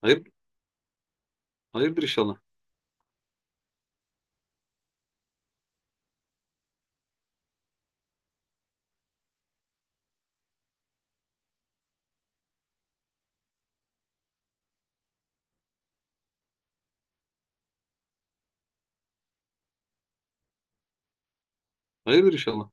Hayır, hayırdır inşallah. Hayırdır inşallah.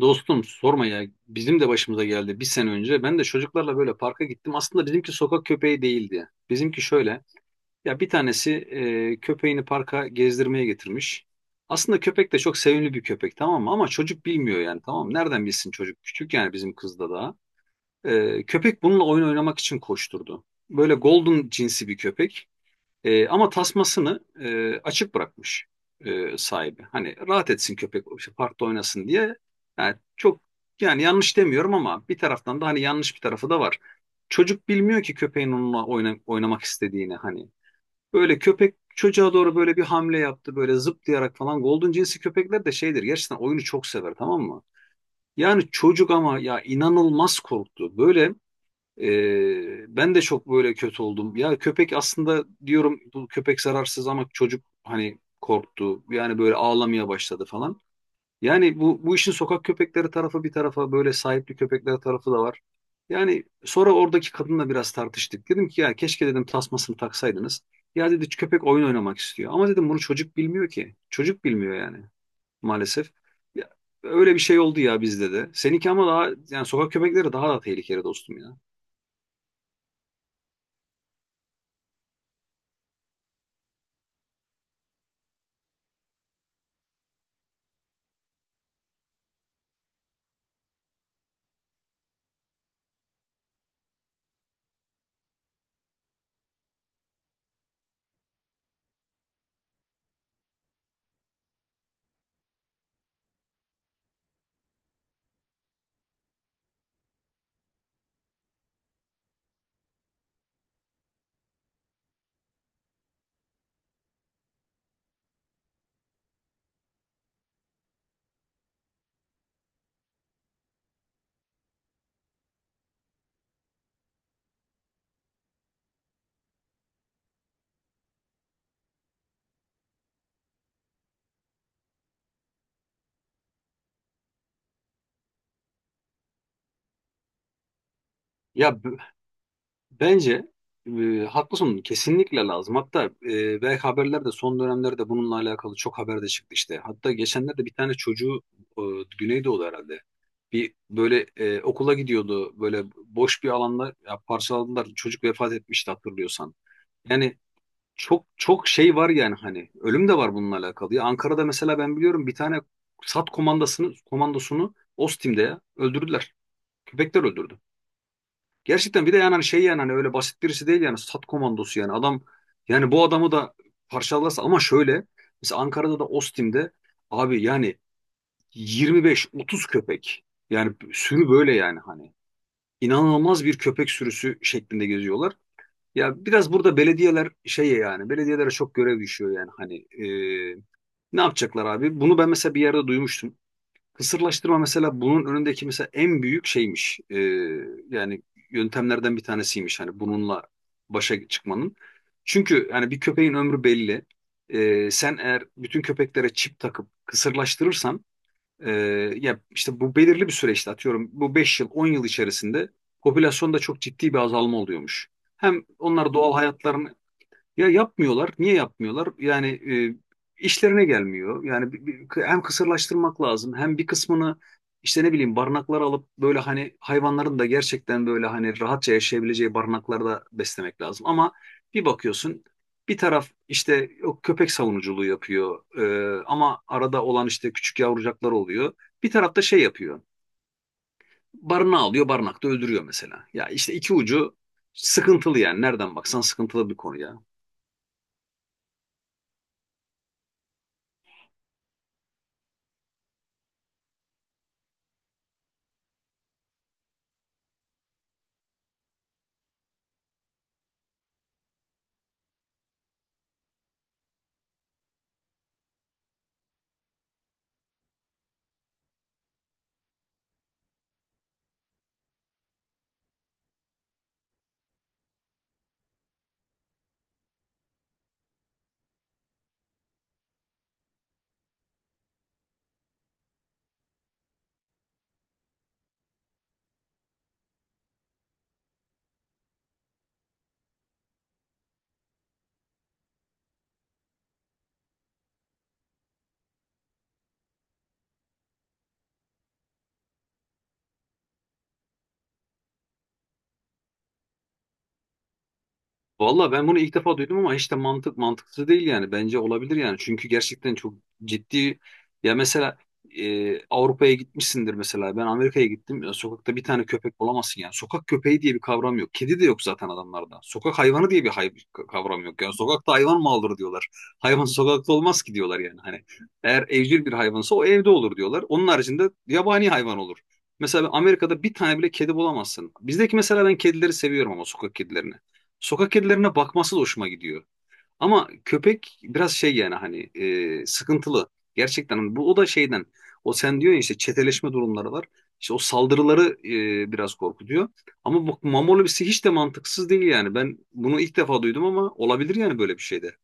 Dostum sorma ya. Bizim de başımıza geldi bir sene önce. Ben de çocuklarla böyle parka gittim. Aslında bizimki sokak köpeği değildi. Bizimki şöyle. Ya bir tanesi köpeğini parka gezdirmeye getirmiş. Aslında köpek de çok sevimli bir köpek, tamam mı? Ama çocuk bilmiyor yani, tamam mı? Nereden bilsin çocuk? Küçük yani bizim kızda daha. E, köpek bununla oyun oynamak için koşturdu. Böyle golden cinsi bir köpek. E, ama tasmasını açık bırakmış sahibi. Hani rahat etsin köpek, işte parkta oynasın diye. Yani çok yani yanlış demiyorum ama bir taraftan da hani yanlış bir tarafı da var. Çocuk bilmiyor ki köpeğin onunla oynamak istediğini hani. Böyle köpek çocuğa doğru böyle bir hamle yaptı, böyle zıplayarak falan. Golden cinsi köpekler de şeydir, gerçekten oyunu çok sever, tamam mı? Yani çocuk ama ya inanılmaz korktu. Böyle ben de çok böyle kötü oldum. Ya köpek aslında diyorum, bu köpek zararsız ama çocuk hani korktu. Yani böyle ağlamaya başladı falan. Yani bu işin sokak köpekleri tarafı bir tarafa, böyle sahipli köpekler tarafı da var. Yani sonra oradaki kadınla biraz tartıştık. Dedim ki ya keşke dedim tasmasını taksaydınız. Ya dedi köpek oyun oynamak istiyor. Ama dedim bunu çocuk bilmiyor ki. Çocuk bilmiyor yani maalesef. Ya, öyle bir şey oldu ya bizde de. Seninki ama daha yani sokak köpekleri daha da tehlikeli dostum ya. Ya b- Bence haklısın, kesinlikle lazım. Hatta belki haberlerde son dönemlerde bununla alakalı çok haber de çıktı işte. Hatta geçenlerde bir tane çocuğu e, Güneydoğu herhalde. Bir böyle okula gidiyordu böyle boş bir alanda ya, parçaladılar. Çocuk vefat etmişti, hatırlıyorsan. Yani çok çok şey var yani hani ölüm de var bununla alakalı. Ya Ankara'da mesela ben biliyorum bir tane SAT komandosunu Ostim'de ya, öldürdüler. Köpekler öldürdü. Gerçekten bir de yani hani şey yani hani öyle basit birisi değil yani stat komandosu yani adam yani bu adamı da parçalarsa ama şöyle mesela Ankara'da da Ostim'de abi yani 25-30 köpek yani sürü böyle yani hani inanılmaz bir köpek sürüsü şeklinde geziyorlar. Ya biraz burada belediyeler şeye yani belediyelere çok görev düşüyor yani hani ne yapacaklar abi? Bunu ben mesela bir yerde duymuştum. Kısırlaştırma mesela bunun önündeki mesela en büyük şeymiş. Yani yöntemlerden bir tanesiymiş hani bununla başa çıkmanın. Çünkü yani bir köpeğin ömrü belli. Sen eğer bütün köpeklere çip takıp kısırlaştırırsan e, ya işte bu belirli bir süreçte, atıyorum bu 5 yıl 10 yıl içerisinde popülasyonda çok ciddi bir azalma oluyormuş. Hem onlar doğal hayatlarını ya yapmıyorlar. Niye yapmıyorlar? Yani e, işlerine gelmiyor. Yani hem kısırlaştırmak lazım hem bir kısmını işte ne bileyim barınaklara alıp böyle hani hayvanların da gerçekten böyle hani rahatça yaşayabileceği barınaklarda beslemek lazım. Ama bir bakıyorsun bir taraf işte o köpek savunuculuğu yapıyor, ama arada olan işte küçük yavrucaklar oluyor. Bir taraf da şey yapıyor. Barınağı alıyor, barınakta öldürüyor mesela. Ya işte iki ucu sıkıntılı yani, nereden baksan sıkıntılı bir konu ya. Valla ben bunu ilk defa duydum ama hiç de mantıksız değil yani. Bence olabilir yani. Çünkü gerçekten çok ciddi ya mesela Avrupa'ya gitmişsindir mesela. Ben Amerika'ya gittim. Ya sokakta bir tane köpek bulamazsın yani. Sokak köpeği diye bir kavram yok. Kedi de yok zaten adamlarda. Sokak hayvanı diye bir kavram yok. Yani sokakta hayvan mı olur diyorlar. Hayvan sokakta olmaz ki diyorlar yani. Hani eğer evcil bir hayvansa o evde olur diyorlar. Onun haricinde yabani hayvan olur. Mesela Amerika'da bir tane bile kedi bulamazsın. Bizdeki mesela ben kedileri seviyorum ama sokak kedilerini. Sokak kedilerine bakması da hoşuma gidiyor. Ama köpek biraz şey yani hani sıkıntılı. Gerçekten hani bu o da şeyden o sen diyor ya işte çeteleşme durumları var. İşte o saldırıları biraz korkutuyor. Ama bu mamolobisi hiç de mantıksız değil yani. Ben bunu ilk defa duydum ama olabilir yani böyle bir şeyde.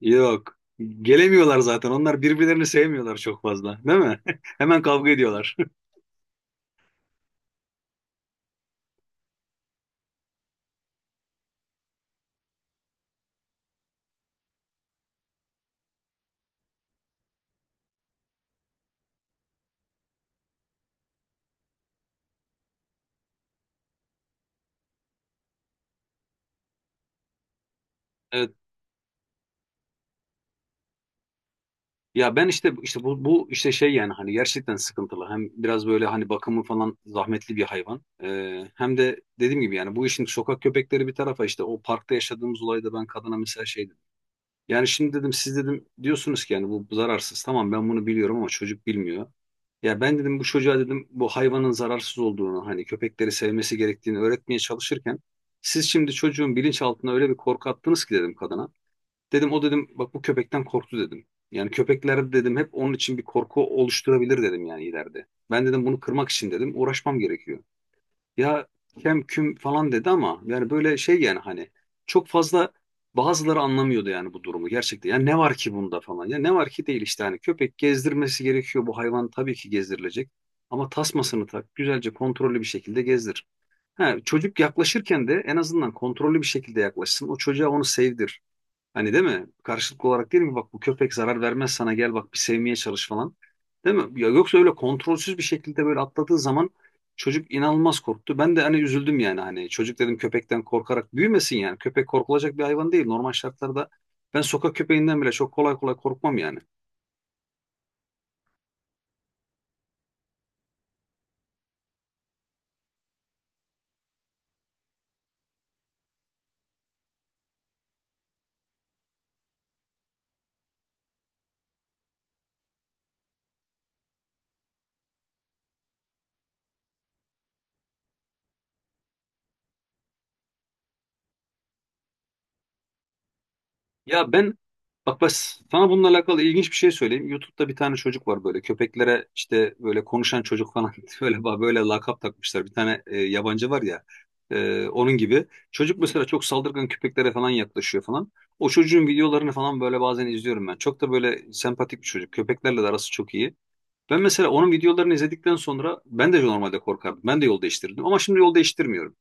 Yok. Gelemiyorlar zaten. Onlar birbirlerini sevmiyorlar çok fazla. Değil mi? Hemen kavga ediyorlar. Ya ben işte bu işte şey yani hani gerçekten sıkıntılı. Hem biraz böyle hani bakımı falan zahmetli bir hayvan. Hem de dediğim gibi yani bu işin sokak köpekleri bir tarafa, işte o parkta yaşadığımız olayda ben kadına mesela şey dedim. Yani şimdi dedim siz dedim diyorsunuz ki yani bu zararsız. Tamam, ben bunu biliyorum ama çocuk bilmiyor. Ya ben dedim bu çocuğa dedim bu hayvanın zararsız olduğunu, hani köpekleri sevmesi gerektiğini öğretmeye çalışırken siz şimdi çocuğun bilinçaltına öyle bir korku attınız ki dedim kadına. Dedim o dedim bak bu köpekten korktu dedim. Yani köpekler dedim hep onun için bir korku oluşturabilir dedim yani ileride. Ben dedim bunu kırmak için dedim uğraşmam gerekiyor. Ya kem küm falan dedi ama yani böyle şey yani hani çok fazla bazıları anlamıyordu yani bu durumu gerçekten. Ya ne var ki bunda falan, ya ne var ki değil işte hani köpek gezdirmesi gerekiyor, bu hayvan tabii ki gezdirilecek. Ama tasmasını tak, güzelce kontrollü bir şekilde gezdir. Ha, çocuk yaklaşırken de en azından kontrollü bir şekilde yaklaşsın. O çocuğa onu sevdir. Hani, değil mi? Karşılıklı olarak, değil mi? Bak bu köpek zarar vermez sana, gel bak bir sevmeye çalış falan. Değil mi? Ya yoksa öyle kontrolsüz bir şekilde böyle atladığı zaman çocuk inanılmaz korktu. Ben de hani üzüldüm yani hani çocuk dedim köpekten korkarak büyümesin yani. Köpek korkulacak bir hayvan değil. Normal şartlarda ben sokak köpeğinden bile çok kolay kolay korkmam yani. Ya ben bak bas sana bununla alakalı ilginç bir şey söyleyeyim. YouTube'da bir tane çocuk var böyle köpeklere işte böyle konuşan çocuk falan böyle böyle lakap takmışlar. Bir tane yabancı var ya onun gibi. Çocuk mesela çok saldırgan köpeklere falan yaklaşıyor falan. O çocuğun videolarını falan böyle bazen izliyorum ben. Çok da böyle sempatik bir çocuk. Köpeklerle de arası çok iyi. Ben mesela onun videolarını izledikten sonra ben de normalde korkardım. Ben de yol değiştirdim ama şimdi yol değiştirmiyorum.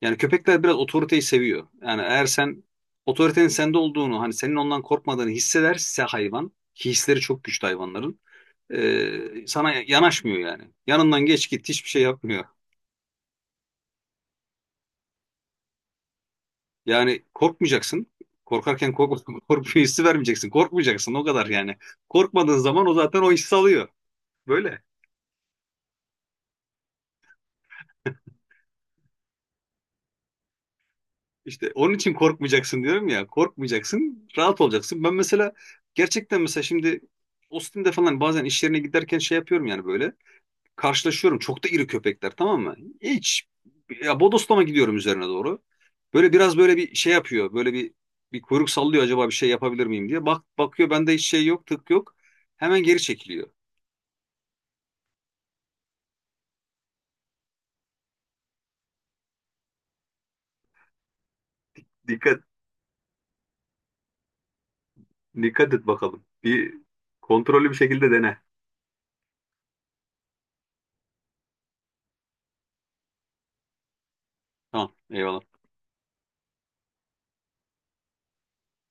Yani köpekler biraz otoriteyi seviyor. Yani eğer sen otoritenin sende olduğunu, hani senin ondan korkmadığını hissederse hayvan, ki hisleri çok güçlü hayvanların, sana yanaşmıyor yani. Yanından geç git, hiçbir şey yapmıyor. Yani korkmayacaksın. Korkarken kork, korkuyor hissi vermeyeceksin. Korkmayacaksın o kadar yani. Korkmadığın zaman o zaten o hissi alıyor. Böyle. İşte onun için korkmayacaksın diyorum ya. Korkmayacaksın, rahat olacaksın. Ben mesela gerçekten mesela şimdi Austin'de falan bazen iş yerine giderken şey yapıyorum yani böyle. Karşılaşıyorum. Çok da iri köpekler, tamam mı? Hiç, ya bodoslama gidiyorum üzerine doğru. Böyle biraz böyle bir şey yapıyor. Böyle bir kuyruk sallıyor acaba bir şey yapabilir miyim diye. Bak bakıyor bende hiç şey yok, tık yok. Hemen geri çekiliyor. Dikkat, dikkat et bakalım. Bir kontrollü bir şekilde dene. Tamam, eyvallah.